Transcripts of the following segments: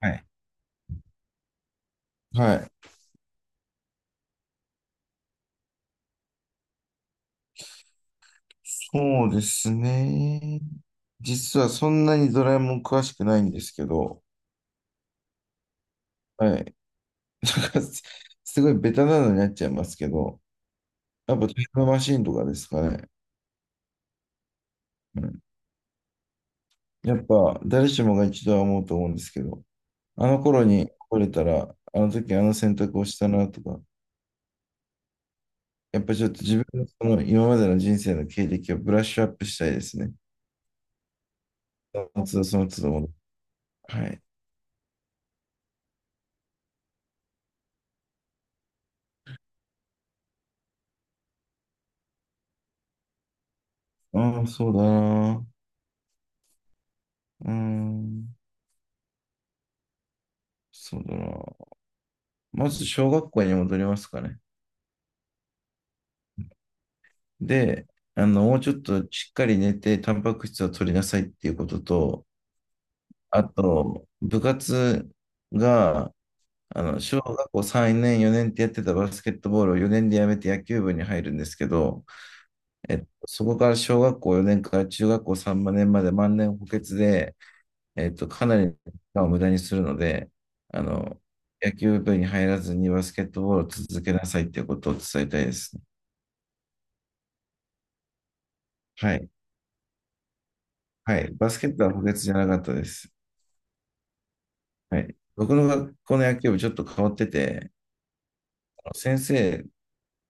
はい。はい。そうですね。実はそんなにドラえもん詳しくないんですけど、はい。なんかすごいベタなのになっちゃいますけど、やっぱタイムマシーンとかですかね。うん、やっぱ誰しもが一度は思うと思うんですけど、あの頃に来れたら、あの時あの選択をしたなとか、やっぱちょっと自分のその今までの人生の経歴をブラッシュアップしたいですね。その都度その都度戻って。はい。ああ、そうだな。うーん、そうだな。まず小学校に戻りますかね。で、もうちょっとしっかり寝て、タンパク質を取りなさいっていうことと、あと、部活が、小学校3年、4年ってやってたバスケットボールを4年でやめて野球部に入るんですけど、そこから小学校4年から中学校3年まで万年補欠で、かなり時間を無駄にするので、あの、野球部に入らずにバスケットボールを続けなさいっていうことを伝えたいですね。はい。はい。バスケットは補欠じゃなかったです。はい。僕の学校の野球部ちょっと変わってて、先生、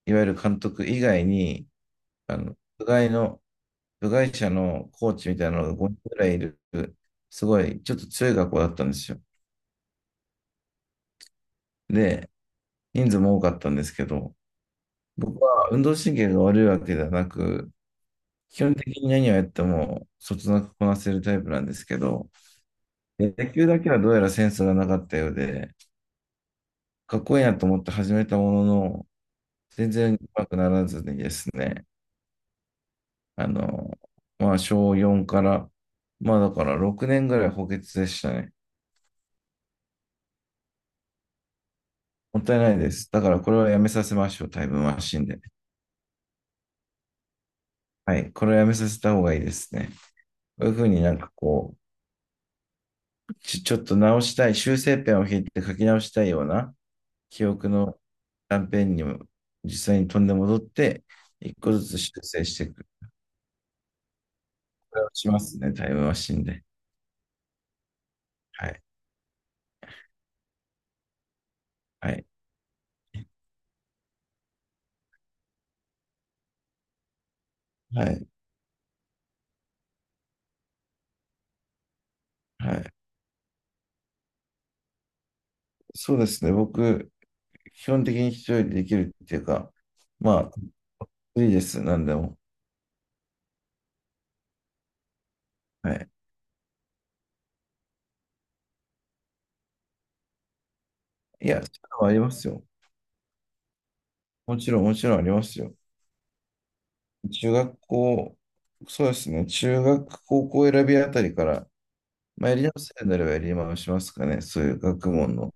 いわゆる監督以外に、あの、部外の、部外者のコーチみたいなのが5人ぐらいいる、すごい、ちょっと強い学校だったんですよ。で、人数も多かったんですけど、僕は運動神経が悪いわけではなく、基本的に何をやっても、そつなくこなせるタイプなんですけど、野球だけはどうやらセンスがなかったようで、かっこいいなと思って始めたものの、全然うまくならずにですね、あの、まあ、小4から、まあ、だから6年ぐらい補欠でしたね。もったいないです。だからこれはやめさせましょう、タイムマシンで。はい、これはやめさせた方がいいですね。こういうふうになんかこう、ちょっと直したい、修正ペンを引いて書き直したいような記憶の断片にも実際に飛んで戻って、一個ずつ修正していく。これをしますね、タイムマシンで。はい、はい、はい、はい。そうですね、僕、基本的に一人でできるっていうか、まあ、いいです、なんでも。はい。いや、そういうのはありますよ。もちろん、もちろんありますよ。中学校、そうですね、中学、高校選びあたりから、まあ、やり直せるならばやり直しますかね、そういう学問の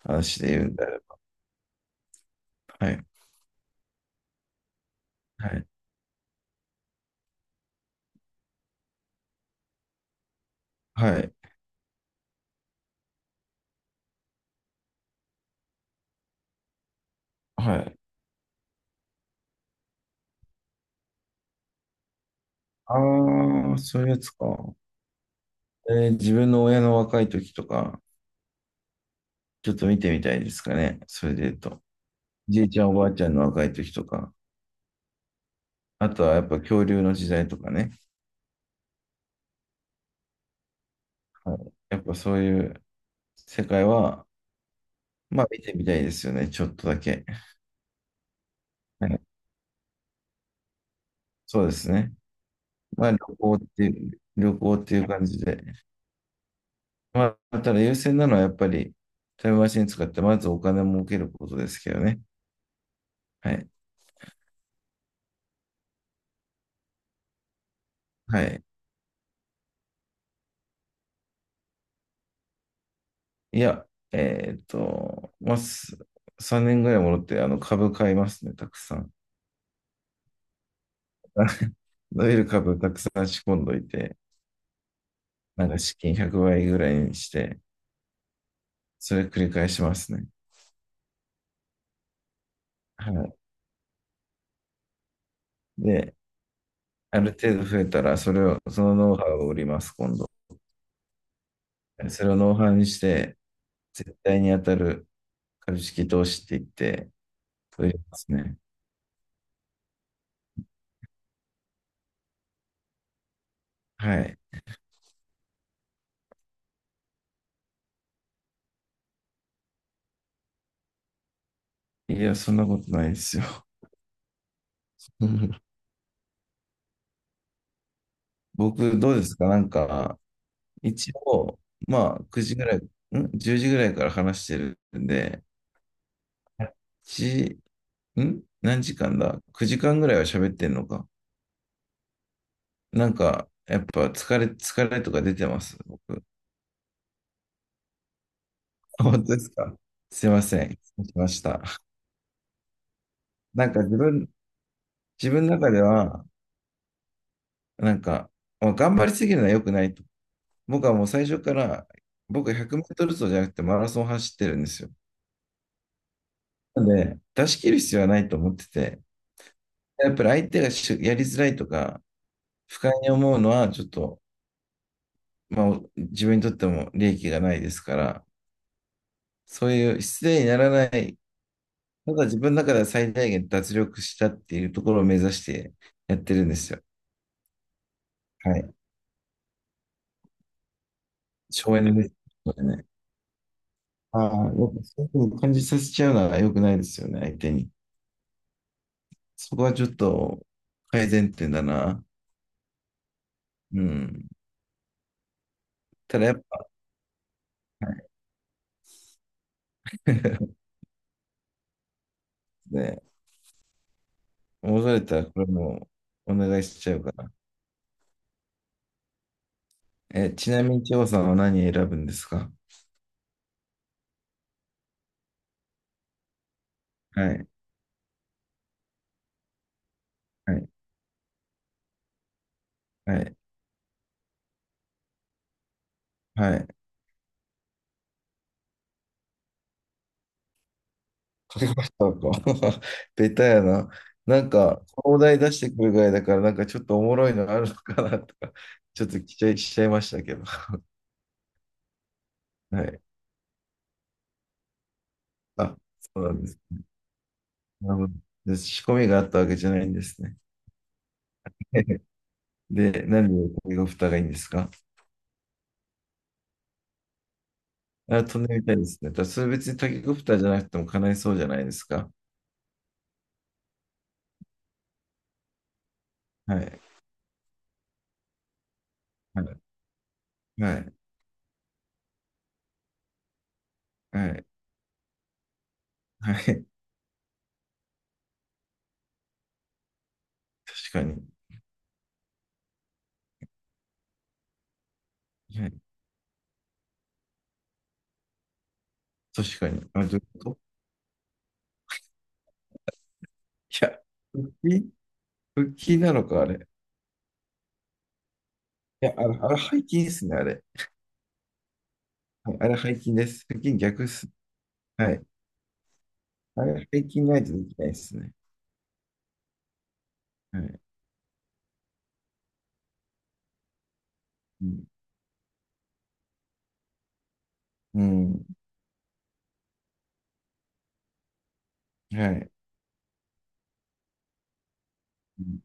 話で言うんであれば。はい。はい。はい。はい。ああ、そういうやつか。自分の親の若い時とか、ちょっと見てみたいですかね、それで言うと。じいちゃん、おばあちゃんの若い時とか。あとはやっぱ恐竜の時代とかね。はい。やっぱそういう世界は、まあ見てみたいですよね。ちょっとだけ。はい。そうですね。まあ旅行っていう感じで。まあ、ただ優先なのはやっぱりタイムマシン使ってまずお金を儲けることですけどね。はい。はい。いや、まあ、3年ぐらい戻ってあの株買いますね、たくさん。伸びる株たくさん仕込んどいて、なんか資金100倍ぐらいにして、それ繰り返しますね。はい。で、ある程度増えたら、それを、そのノウハウを売ります、今度。それをノウハウにして、絶対に当たる株式投資って言って、そう言いますね。はい。いや、そんなことないですよ。僕、どうですかなんか、一応、まあ、9時ぐらい、ん？ 10 時ぐらいから話してるんで、1、ん何時間だ？ 9 時間ぐらいは喋ってんのか。なんか、やっぱ疲れとか出てます、僕。本当ですか？すいません。失礼しました。なんか自分の中では、なんか、まあ、頑張りすぎるのは良くないと。僕はもう最初から、僕100メートル走じゃなくてマラソン走ってるんですよ。なので、出し切る必要はないと思ってて、やっぱり相手がしやりづらいとか、不快に思うのは、ちょっと、まあ、自分にとっても利益がないですから、そういう失礼にならない、ただ自分の中では最大限脱力したっていうところを目指してやってるんですよ。はい。省エネです。こね。ああ、やっぱそういうふうに感じさせちゃうのは良くないですよね、相手に。そこはちょっと改善点だな。うん。ただやっぱ、ね、戻れたらこれもお願いしちゃうから。え、ちなみに、千穂さんは何選ぶんですか？はい、はい、はい、はい。かけましたか？ベタやな。なんか、お題出してくるぐらいだから、なんかちょっとおもろいのあるのかなとか、ちょっと期待しちゃいましたけど。はい。あ、そうなんです。なるほど、仕込みがあったわけじゃないんですね。で、なんでタケコプターがいいんですか？あ、飛んでみたいですね。ただそれ別にタケコプターじゃなくても叶いそうじゃないですか。はい。はい。はい。はい。はい。確かに。はい。確かに。あ、どういうこと？いや、腹筋、腹筋なのか、あれ。いや、あれ、あれ背筋ですね、あれ。はい、あれ背筋です。腹筋逆っす。はい。あれ背筋ないとできないですね。はい。うん。うん。はい。うん。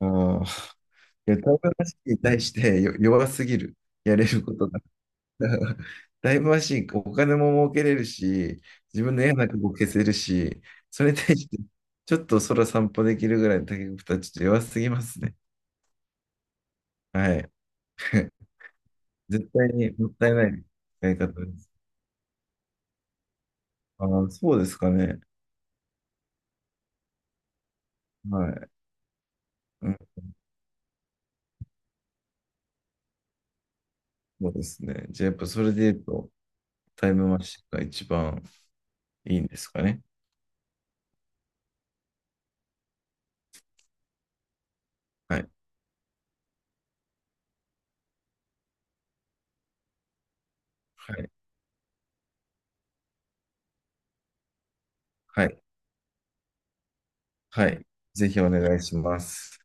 ああ。いや、タイムマシーンに対してよ弱すぎる。やれることだから。タイムマシーン、お金も儲けれるし、自分の嫌な過去を消せるし、それに対して、ちょっと空散歩できるぐらいの竹子たちちょっと弱すぎますね。はい。絶対にもったいない使い方です。ああ、そうですかね。はい。うん、そうですね。じゃあ、やっぱそれで言うと、タイムマシンが一番いいんですかね。はい。はい。はい。はい。ぜひお願いします。